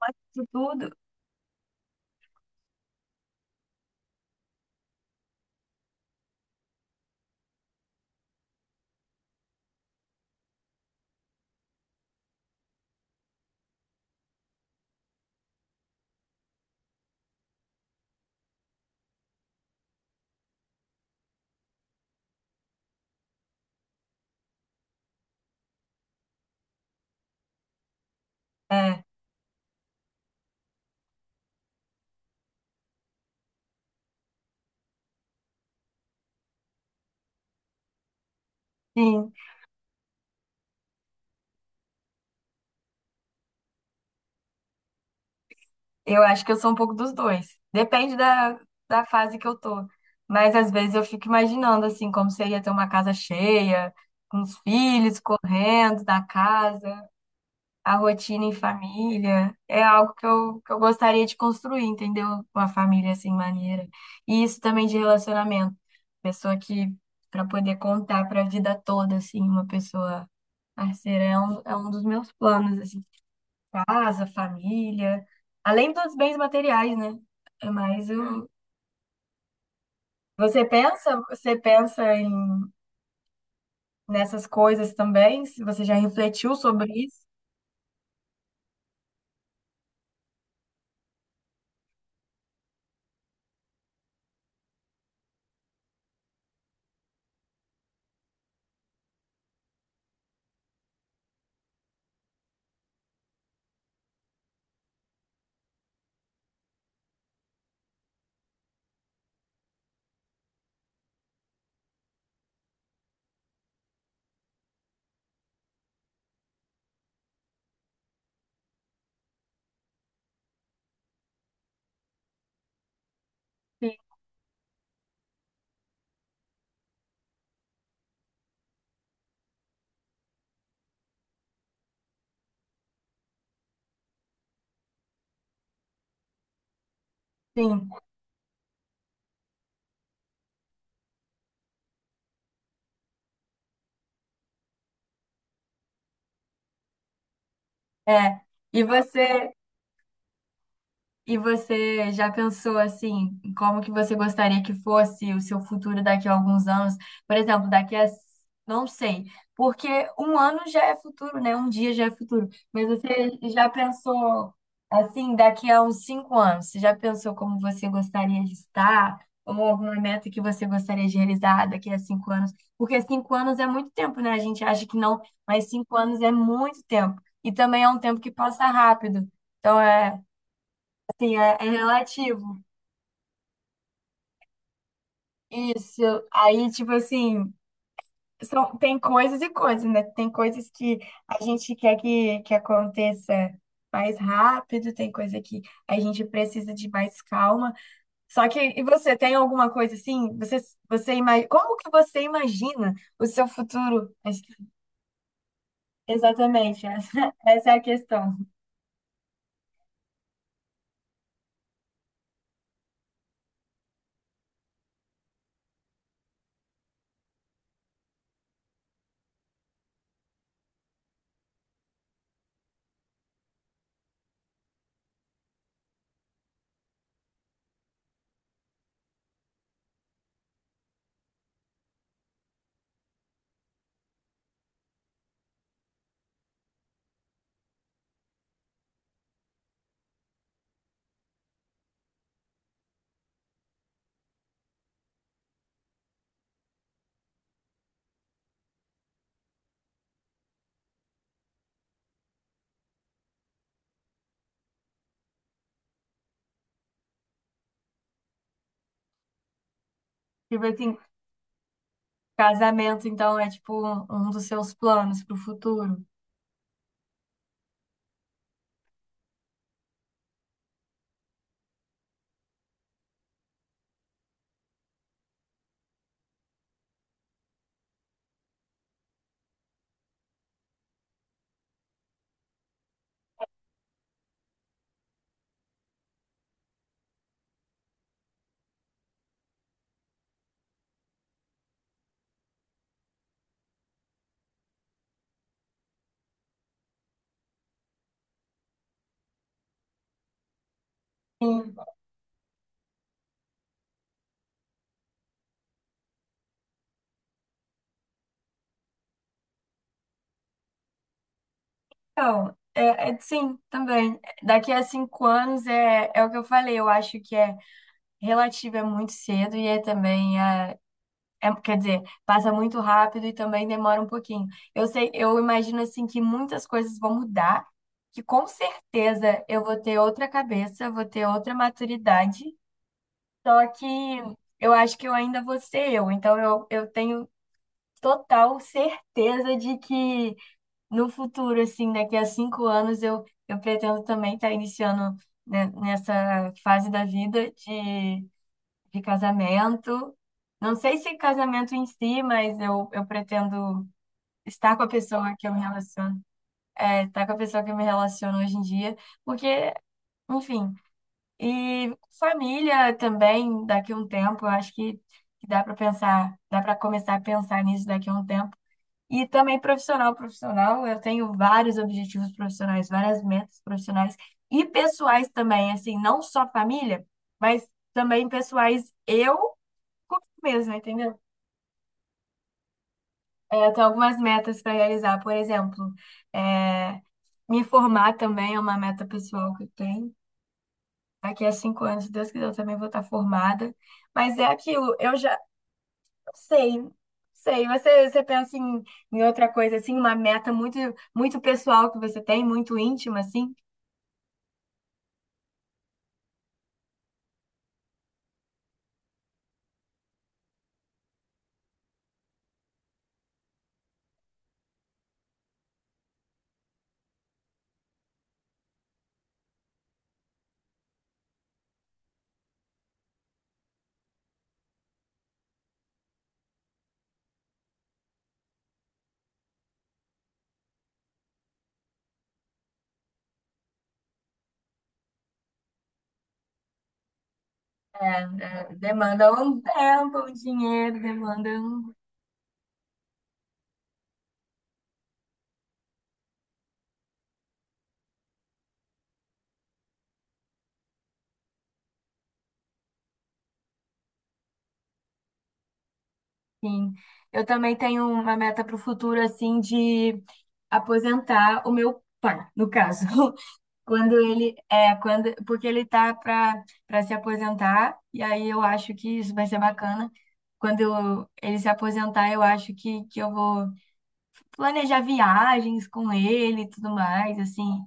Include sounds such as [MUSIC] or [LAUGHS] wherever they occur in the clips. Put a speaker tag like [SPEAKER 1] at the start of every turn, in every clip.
[SPEAKER 1] Mas de tudo. É, sim. Eu acho que eu sou um pouco dos dois. Depende da fase que eu tô. Mas às vezes eu fico imaginando assim, como seria ter uma casa cheia, com os filhos correndo da casa, a rotina em família. É algo que eu gostaria de construir, entendeu? Uma família assim, maneira. E isso também de relacionamento. Pessoa que, para poder contar para a vida toda, assim, uma pessoa parceira, é um dos meus planos, assim. Casa, família, além dos bens materiais, né? É mais o. Você pensa em nessas coisas também? Se você já refletiu sobre isso? Sim, sim. É. E você E você já pensou assim, em como que você gostaria que fosse o seu futuro daqui a alguns anos? Por exemplo, daqui a, não sei, porque um ano já é futuro, né? Um dia já é futuro. Mas você já pensou assim, daqui a uns 5 anos? Você já pensou como você gostaria de estar? Ou alguma meta que você gostaria de realizar daqui a 5 anos? Porque 5 anos é muito tempo, né? A gente acha que não, mas 5 anos é muito tempo. E também é um tempo que passa rápido. Então, é. Sim, é relativo. Isso. Aí, tipo assim, são, tem coisas e coisas, né? Tem coisas que a gente quer que aconteça mais rápido, tem coisa que a gente precisa de mais calma. Só que, e você, tem alguma coisa assim? Você imagina, como que você imagina o seu futuro? Acho que- Exatamente, essa, [LAUGHS] essa é a questão. Tipo assim, casamento, então, é tipo um dos seus planos para o futuro. Sim. Então, sim, também. Daqui a 5 anos é o que eu falei, eu acho que é relativo, é muito cedo e é também, quer dizer, passa muito rápido e também demora um pouquinho. Eu sei, eu imagino assim que muitas coisas vão mudar, que com certeza eu vou ter outra cabeça, vou ter outra maturidade, só que eu acho que eu ainda vou ser eu, então eu tenho total certeza de que no futuro, assim, daqui a 5 anos, eu pretendo também estar iniciando, né, nessa fase da vida de casamento. Não sei se casamento em si, mas eu pretendo estar com a pessoa que eu me relaciono, é, estar com a pessoa que eu me relaciono hoje em dia, porque, enfim, e família também, daqui a um tempo, eu acho que dá para pensar, dá para começar a pensar nisso daqui a um tempo e também profissional, profissional, eu tenho vários objetivos profissionais, várias metas profissionais e pessoais também, assim, não só família, mas também pessoais eu comigo mesma, entendeu? É, eu tenho algumas metas para realizar, por exemplo, é, me formar também é uma meta pessoal que eu tenho. Daqui a 5 anos, se Deus quiser, eu também vou estar formada. Mas é aquilo, eu já sei, sei. Você pensa em outra coisa, assim, uma meta muito, muito pessoal que você tem, muito íntima, assim? É, é, demanda um tempo, um dinheiro, demanda um... Sim. Eu também tenho uma meta para o futuro, assim, de aposentar o meu pai, no caso. [LAUGHS] Quando ele... É, quando, porque ele tá para se aposentar, e aí eu acho que isso vai ser bacana. Ele se aposentar, eu acho que eu vou... planejar viagens com ele e tudo mais, assim,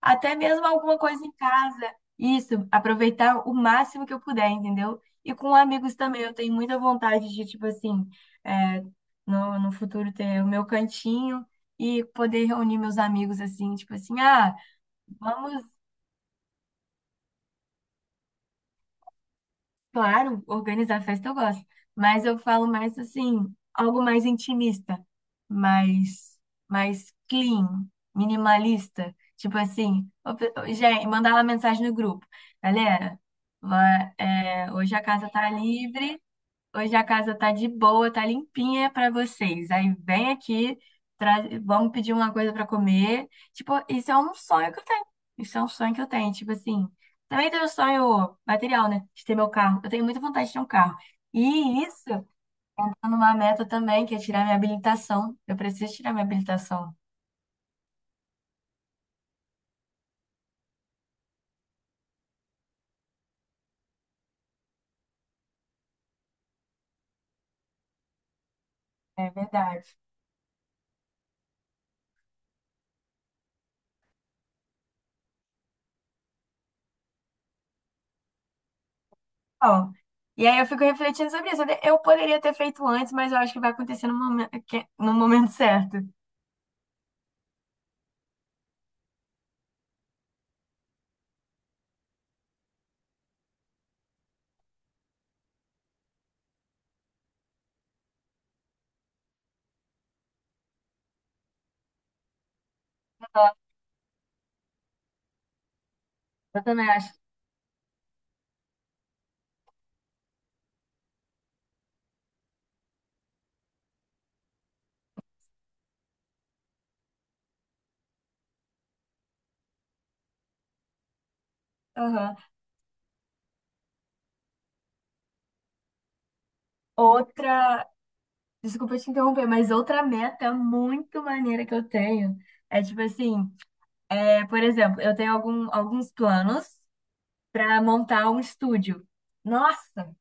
[SPEAKER 1] até mesmo alguma coisa em casa. Isso, aproveitar o máximo que eu puder, entendeu? E com amigos também, eu tenho muita vontade de, tipo assim, é, no futuro ter o meu cantinho e poder reunir meus amigos, assim, tipo assim, ah, vamos. Claro, organizar festa eu gosto, mas eu falo mais assim, algo mais intimista, mais, mais clean, minimalista. Tipo assim, ô, gente, mandar uma mensagem no grupo. Galera, é, hoje a casa tá livre. Hoje a casa tá de boa, tá limpinha pra vocês. Aí vem aqui, vamos pedir uma coisa pra comer. Tipo, isso é um sonho que eu tenho. Isso é um sonho que eu tenho. Tipo assim, também tenho um sonho material, né? De ter meu carro. Eu tenho muita vontade de ter um carro. E isso, eu tô numa meta também, que é tirar minha habilitação. Eu preciso tirar minha habilitação. É verdade. Bom, e aí eu fico refletindo sobre isso. Eu poderia ter feito antes, mas eu acho que vai acontecer no momento, no momento certo. Eu também acho. Aham. Outra, desculpa te interromper, mas outra meta muito maneira que eu tenho é tipo assim, é, por exemplo, eu tenho alguns planos para montar um estúdio. Nossa,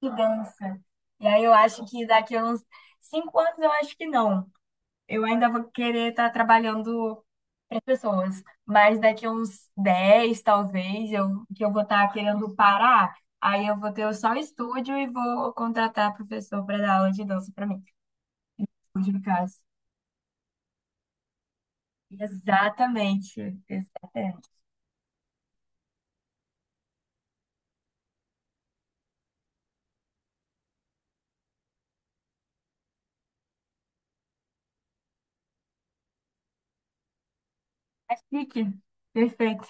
[SPEAKER 1] que dança! E aí eu acho que daqui a uns 5 anos eu acho que não. Eu ainda vou querer estar trabalhando para pessoas, mas daqui a uns 10 talvez, que eu vou estar querendo parar, aí eu vou ter só o estúdio e vou contratar professor para dar aula de dança para mim. Hoje, caso. Exatamente. Exatamente. Tá chique. Perfeito.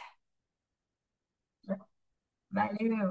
[SPEAKER 1] Valeu.